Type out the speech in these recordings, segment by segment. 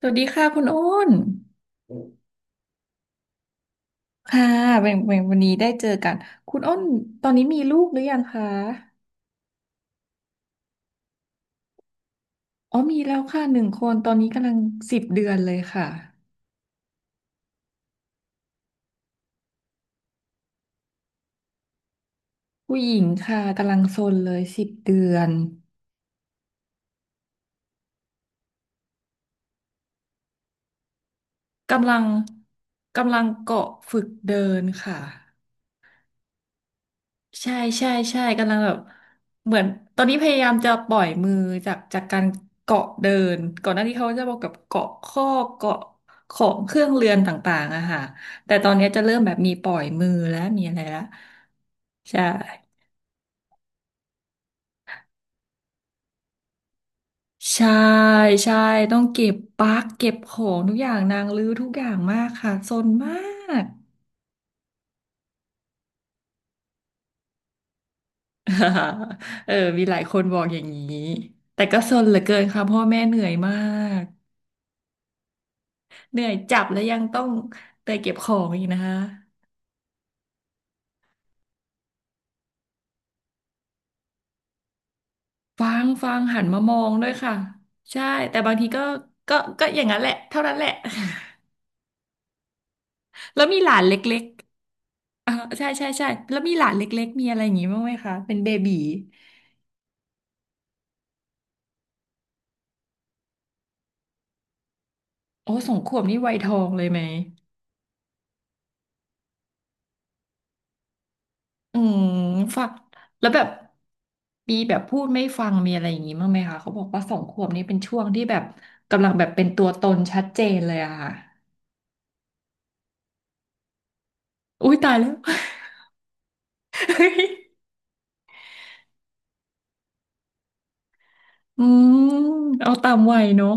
สวัสดีค่ะคุณอ้น ค่ะเป็นวันนี้ได้เจอกัน คุณอ้นตอนนี้มีลูกหรือยังคะอ๋อมีแล้วค่ะหนึ่งคนตอนนี้กำลังสิบเดือนเลยค่ะผู้หญิงค่ะกำลังซนเลยสิบเดือนกำลังกำลังเกาะฝึกเดินค่ะ ใช่ใช่ใช่กำลังแบบเหมือนตอนนี้พยายามจะปล่อยมือจากการเกาะเดินก่อนหน้านี้เขาจะบอกกับเกาะข้อเกาะของเครื่องเรือนต่างๆอะค่ะแต่ตอนนี้จะเริ่มแบบมีปล่อยมือแล้วมีอะไรแล้วใช่ใช่ใช่ต้องเก็บปลั๊กเก็บของทุกอย่างนางรื้อทุกอย่างมากค่ะซนมาก เออมีหลายคนบอกอย่างนี้แต่ก็ซนเหลือเกินค่ะพ่อแม่เหนื่อยมาก เหนื่อยจับแล้วยังต้องเตยเก็บของอีกนะคะฟังหันมามองด้วยค่ะใช่แต่บางทีก็ก็อย่างนั้นแหละเท่านั้นแหละ แล้วมีหลานเล็กๆอ่าใช่ใช่ใช่แล้วมีหลานเล็กๆมีอะไรอย่างงี้บ้างไหมคะเป็นเบบีโอ้สองขวบนี่วัยทองเลยไหมอืมฟักแล้วแบบมีแบบพูดไม่ฟังมีอะไรอย่างงี้บ้างไหมคะเขาบอกว่าสองขวบนี่เป็นช่วงที่แบบกำลังแบบเป็นตัวตนชัดเจนเลยอะค่ะอุ้ยตายแล้ว อืมเอาตามวัยเนอะ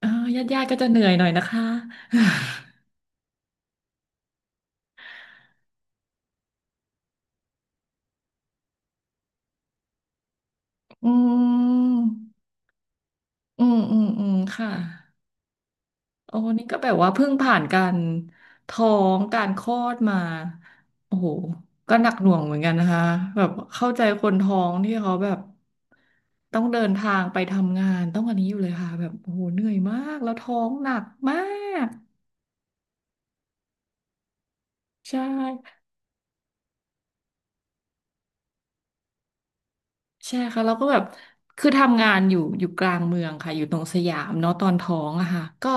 เออญาติญาติก็จะเหนื่อยหน่อยนะคะอืมอืมอืมอืมค่ะโอ้นี่ก็แบบว่าเพิ่งผ่านการท้องการคลอดมาโอ้โหก็หนักหน่วงเหมือนกันนะคะแบบเข้าใจคนท้องที่เขาแบบต้องเดินทางไปทำงานต้องอันนี้อยู่เลยค่ะแบบโอ้โหเหนื่อยมากแล้วท้องหนักมากใช่ ใช่ค่ะแล้วก็แบบคือทำงานอยู่กลางเมืองค่ะอยู่ตรงสยามเนาะตอนท้องอะค่ะก็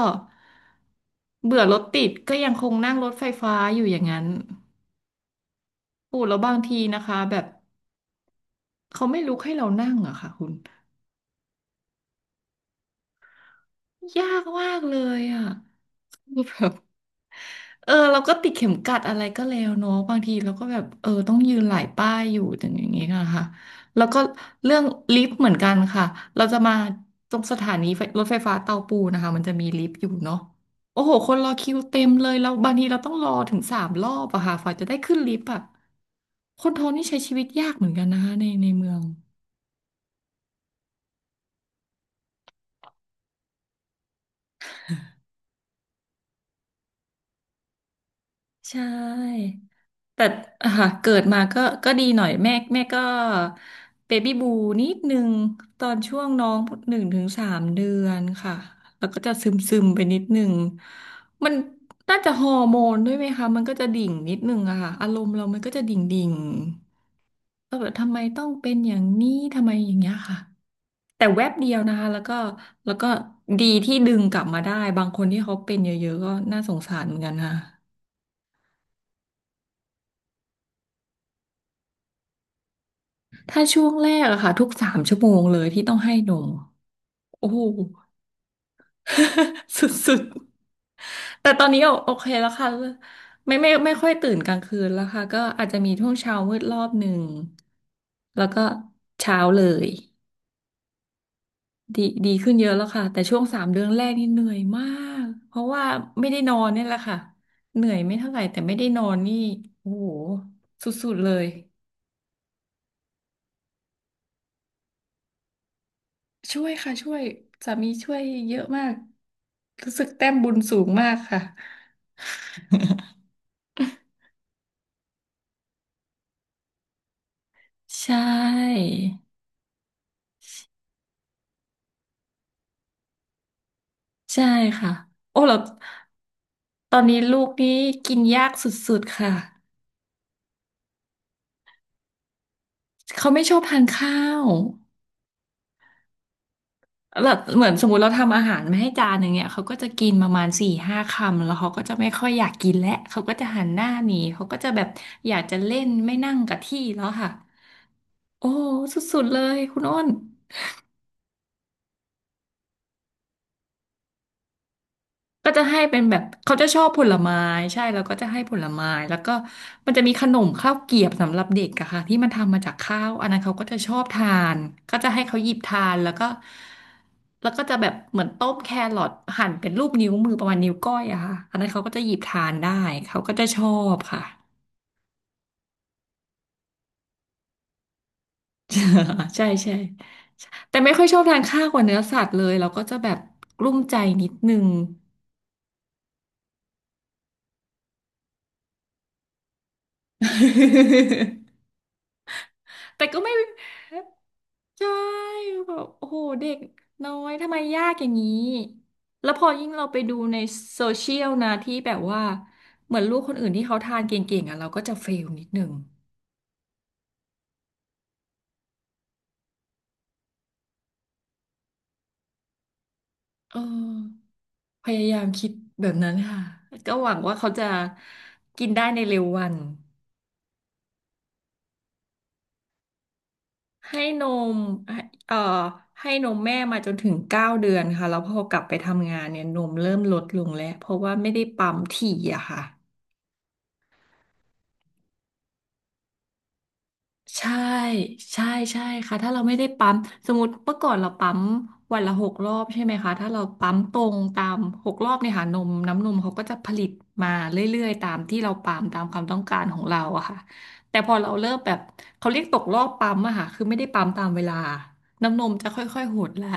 เบื่อรถติดก็ยังคงนั่งรถไฟฟ้าอยู่อย่างนั้นโอ้แล้วบางทีนะคะแบบเขาไม่ลุกให้เรานั่งอะค่ะคุณ ยากมากเลยอ่ะ คือแบบเออเราก็ติดเข็มกัดอะไรก็แล้วเนาะบางทีเราก็แบบเออต้องยืนหลายป้ายอยู่อย่างนี้ค่ะค่ะแล้วก็เรื่องลิฟต์เหมือนกันค่ะเราจะมาตรงสถานีไฟรถไฟฟ้าเตาปูนนะคะมันจะมีลิฟต์อยู่เนาะโอ้โหคนรอคิวเต็มเลยแล้วบางทีเราต้องรอถึง3 รอบอะค่ะฝ่าจะได้ขึ้นลิฟต์อะคนท้องนี่ใช้ชีวิตยากเหมือนกันนะคะในเมืองใช่ แต่ค่ะเกิดมาก็ก็ดีหน่อยแม่ก็เบบี้บูนิดนึงตอนช่วงน้อง1-3 เดือนค่ะแล้วก็จะซึมซึมไปนิดนึงมันน่าจะฮอร์โมนด้วยไหมคะมันก็จะดิ่งนิดนึงอะค่ะอารมณ์เรามันก็จะดิ่งดิ่งก็แบบทำไมต้องเป็นอย่างนี้ทำไมอย่างเงี้ยค่ะแต่แวบเดียวนะคะแล้วก็ดีที่ดึงกลับมาได้บางคนที่เขาเป็นเยอะๆก็น่าสงสารเหมือนกันค่ะ ถ้าช่วงแรกอะค่ะทุก3 ชั่วโมงเลยที่ต้องให้นมโอ้โห สุดๆแต่ตอนนี้โอโอเคแล้วค่ะไม่ค่อยตื่นกลางคืนแล้วค่ะก็อาจจะมีช่วงเช้ามืดรอบหนึ่งแล้วก็เช้าเลยดีขึ้นเยอะแล้วค่ะแต่ช่วงสามเดือนแรกนี่เหนื่อยมากเพราะว่าไม่ได้นอนเนี่ยแหละค่ะเหนื่อยไม่เท่าไหร่แต่ไม่ได้นอนนี่โอ้โหสุดๆเลย ช่วยค่ะช่วยสามีช่วยเยอะมากรู้สึกแต้มบุญสูงมากค่ะใช่ใช่ค่ะโอ้แล้วตอนนี้ลูกนี่กินยากสุดๆค่ะเขาไม่ชอบทานข้าวแล้วเหมือนสมมติเราทำอาหารมาให้จานหนึ่งเนี่ยเขาก็จะกินประมาณ4-5 คำแล้วเขาก็จะไม่ค่อยอยากกินแล้วเขาก็จะหันหน้าหนีเขาก็จะแบบอยากจะเล่นไม่นั่งกับที่แล้วค่ะโอ้สุดๆเลยคุณอ้น ก็จะให้เป็นแบบเขาจะชอบผลไม้ใช่แล้วก็จะให้ผลไม้แล้วก็มันจะมีขนมข้าวเกรียบสำหรับเด็กอะค่ะที่มันทำมาจากข้าวอันนั้นเขาก็จะชอบทานก็จะให้เขาหยิบทานแล้วก็จะแบบเหมือนต้มแครอทหั่นเป็นรูปนิ้วมือประมาณนิ้วก้อยอะค่ะอันนั้นเขาก็จะหยิบทานได้เขาก็จะชอบค่ะ ใช่ใช่แต่ไม่ค่อยชอบทานข้าวกับเนื้อสัตว์เลยเราก็จะแบบกลุ้มใจนิดนึง แต่ก็ไม่ ใช่แบบโอ้โหเด็กน้อยทำไมยากอย่างนี้แล้วพอยิ่งเราไปดูในโซเชียลนะที่แบบว่าเหมือนลูกคนอื่นที่เขาทานเก่งๆอ่ะเราก็จะเฟลนิดหนึ่งเออพยายามคิดแบบนั้นค่ะก็หวังว่าเขาจะกินได้ในเร็ววันให้นมให้เอ่อให้นมแม่มาจนถึง9 เดือนค่ะแล้วพอกลับไปทำงานเนี่ยนมเริ่มลดลงแล้วเพราะว่าไม่ได้ปั๊มถี่อะค่ะ ใช่ใช่ใช่ค่ะถ้าเราไม่ได้ปั๊มสมมติเมื่อก่อนเราปั๊มวันละหกรอบใช่ไหมคะถ้าเราปั๊มตรงตามหกรอบเนี่ยค่ะนมน้ำนมเขาก็จะผลิตมาเรื่อยๆตามที่เราปั๊มตามความต้องการของเราอะค่ะแต่พอเราเริ่มแบบเขาเรียกตกรอบปั๊มอะค่ะคือไม่ได้ปั๊มตามเวลาน้ำนมจะค่อยๆหดละ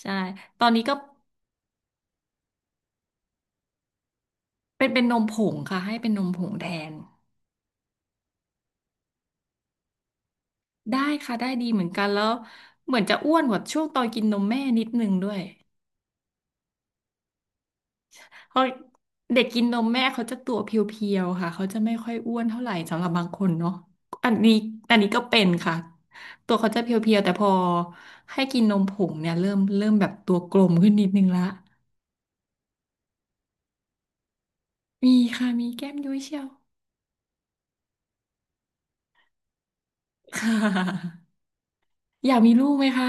ใช่ตอนนี้ก็เป็นนมผงค่ะให้เป็นนมผงแทนได้ค่ะได้ดีเหมือนกันแล้วเหมือนจะอ้วนกว่าช่วงตอนกินนมแม่นิดนึงด้วย เขาเด็กกินนมแม่เขาจะตัวเพียวๆค่ะเขาจะไม่ค่อยอ้วนเท่าไหร่สำหรับบางคนเนาะอันนี้อันนี้ก็เป็นค่ะตัวเขาจะเพียวๆแต่พอให้กินนมผงเนี่ยเริ่มแบบตัวกลมขึ้นนิดนึงละมีค่ะมีแก้มยุ้ยเชียว ค่ะอยากมีลูกไหมคะ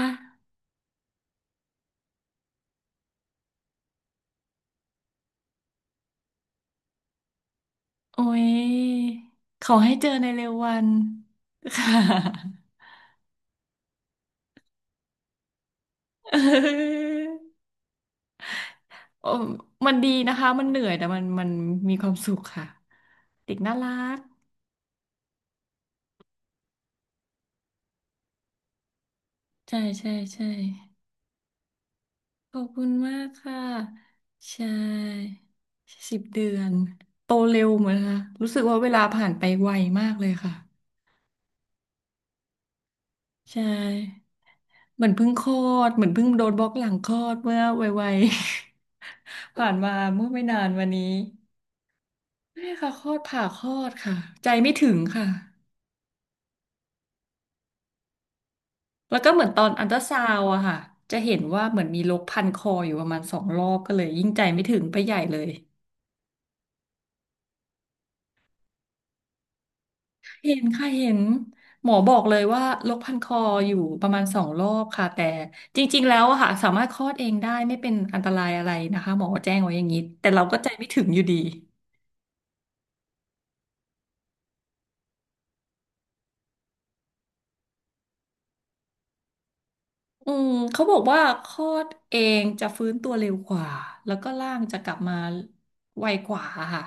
โอ้ยขอให้เจอในเร็ววัน ค่ะเออโอ้มันดีนะคะมันเหนื่อยแต่มันมันมีความสุขค่ะเด็กน่ารัก ใช่ใช่ใช่ขอบคุณมากค่ะใช่10 เดือนโตเร็วเหมือนค่ะรู้สึกว่าเวลาผ่านไปไวมากเลยค่ะใช่เหมือนเพิ่งคลอดเหมือนเพิ่งโดนบล็อกหลังคลอดเมื่อไวๆ ผ่านมาเมื่อไม่นานวันนี้นี่ค่ะคลอดผ่าคลอดค่ะใจไม่ถึงค่ะแล้วก็เหมือนตอนอัลตราซาวด์อะค่ะจะเห็นว่าเหมือนมีรกพันคออยู่ประมาณสองรอบก็เลยยิ่งใจไม่ถึงไปใหญ่เลย เห็นค่ะเห็นหมอบอกเลยว่าโรกพันคออยู่ประมาณสองรอบค่ะแต่จริงๆแล้วอะค่ะสามารถคลอดเองได้ไม่เป็นอันตรายอะไรนะคะหมอแจ้งไว้อย่างนี้แต่เราก็ใจไม่ถึงอยู่ดีอืมเขาบอกว่าคลอดเองจะฟื้นตัวเร็วกว่าแล้วก็ร่างจะกลับมาไวกว่าค่ะ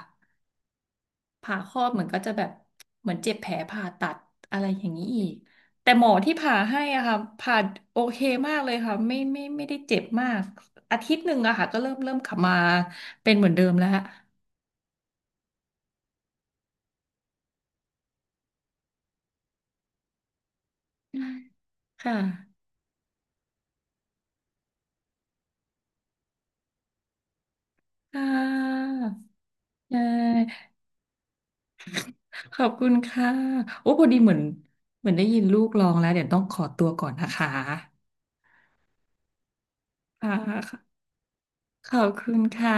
ผ่าครอบเหมือนก็จะแบบเหมือนเจ็บแผลผ่าตัดอะไรอย่างนี้อีกแต่หมอที่ผ่าให้อะค่ะผ่าโอเคมากเลยค่ะไม่ได้เจ็บมากอาทิตย์หนึ่งอะค่ะก็เริ่มขับมาเป็นเหมือนเดิมแล้วค่ะค่ะใช่ขอบคุณค่ะโอ้พอดีเหมือนได้ยินลูกร้องแล้วเดี๋ยวต้องขอตัวก่อนนะคะค่ะขอบคุณค่ะ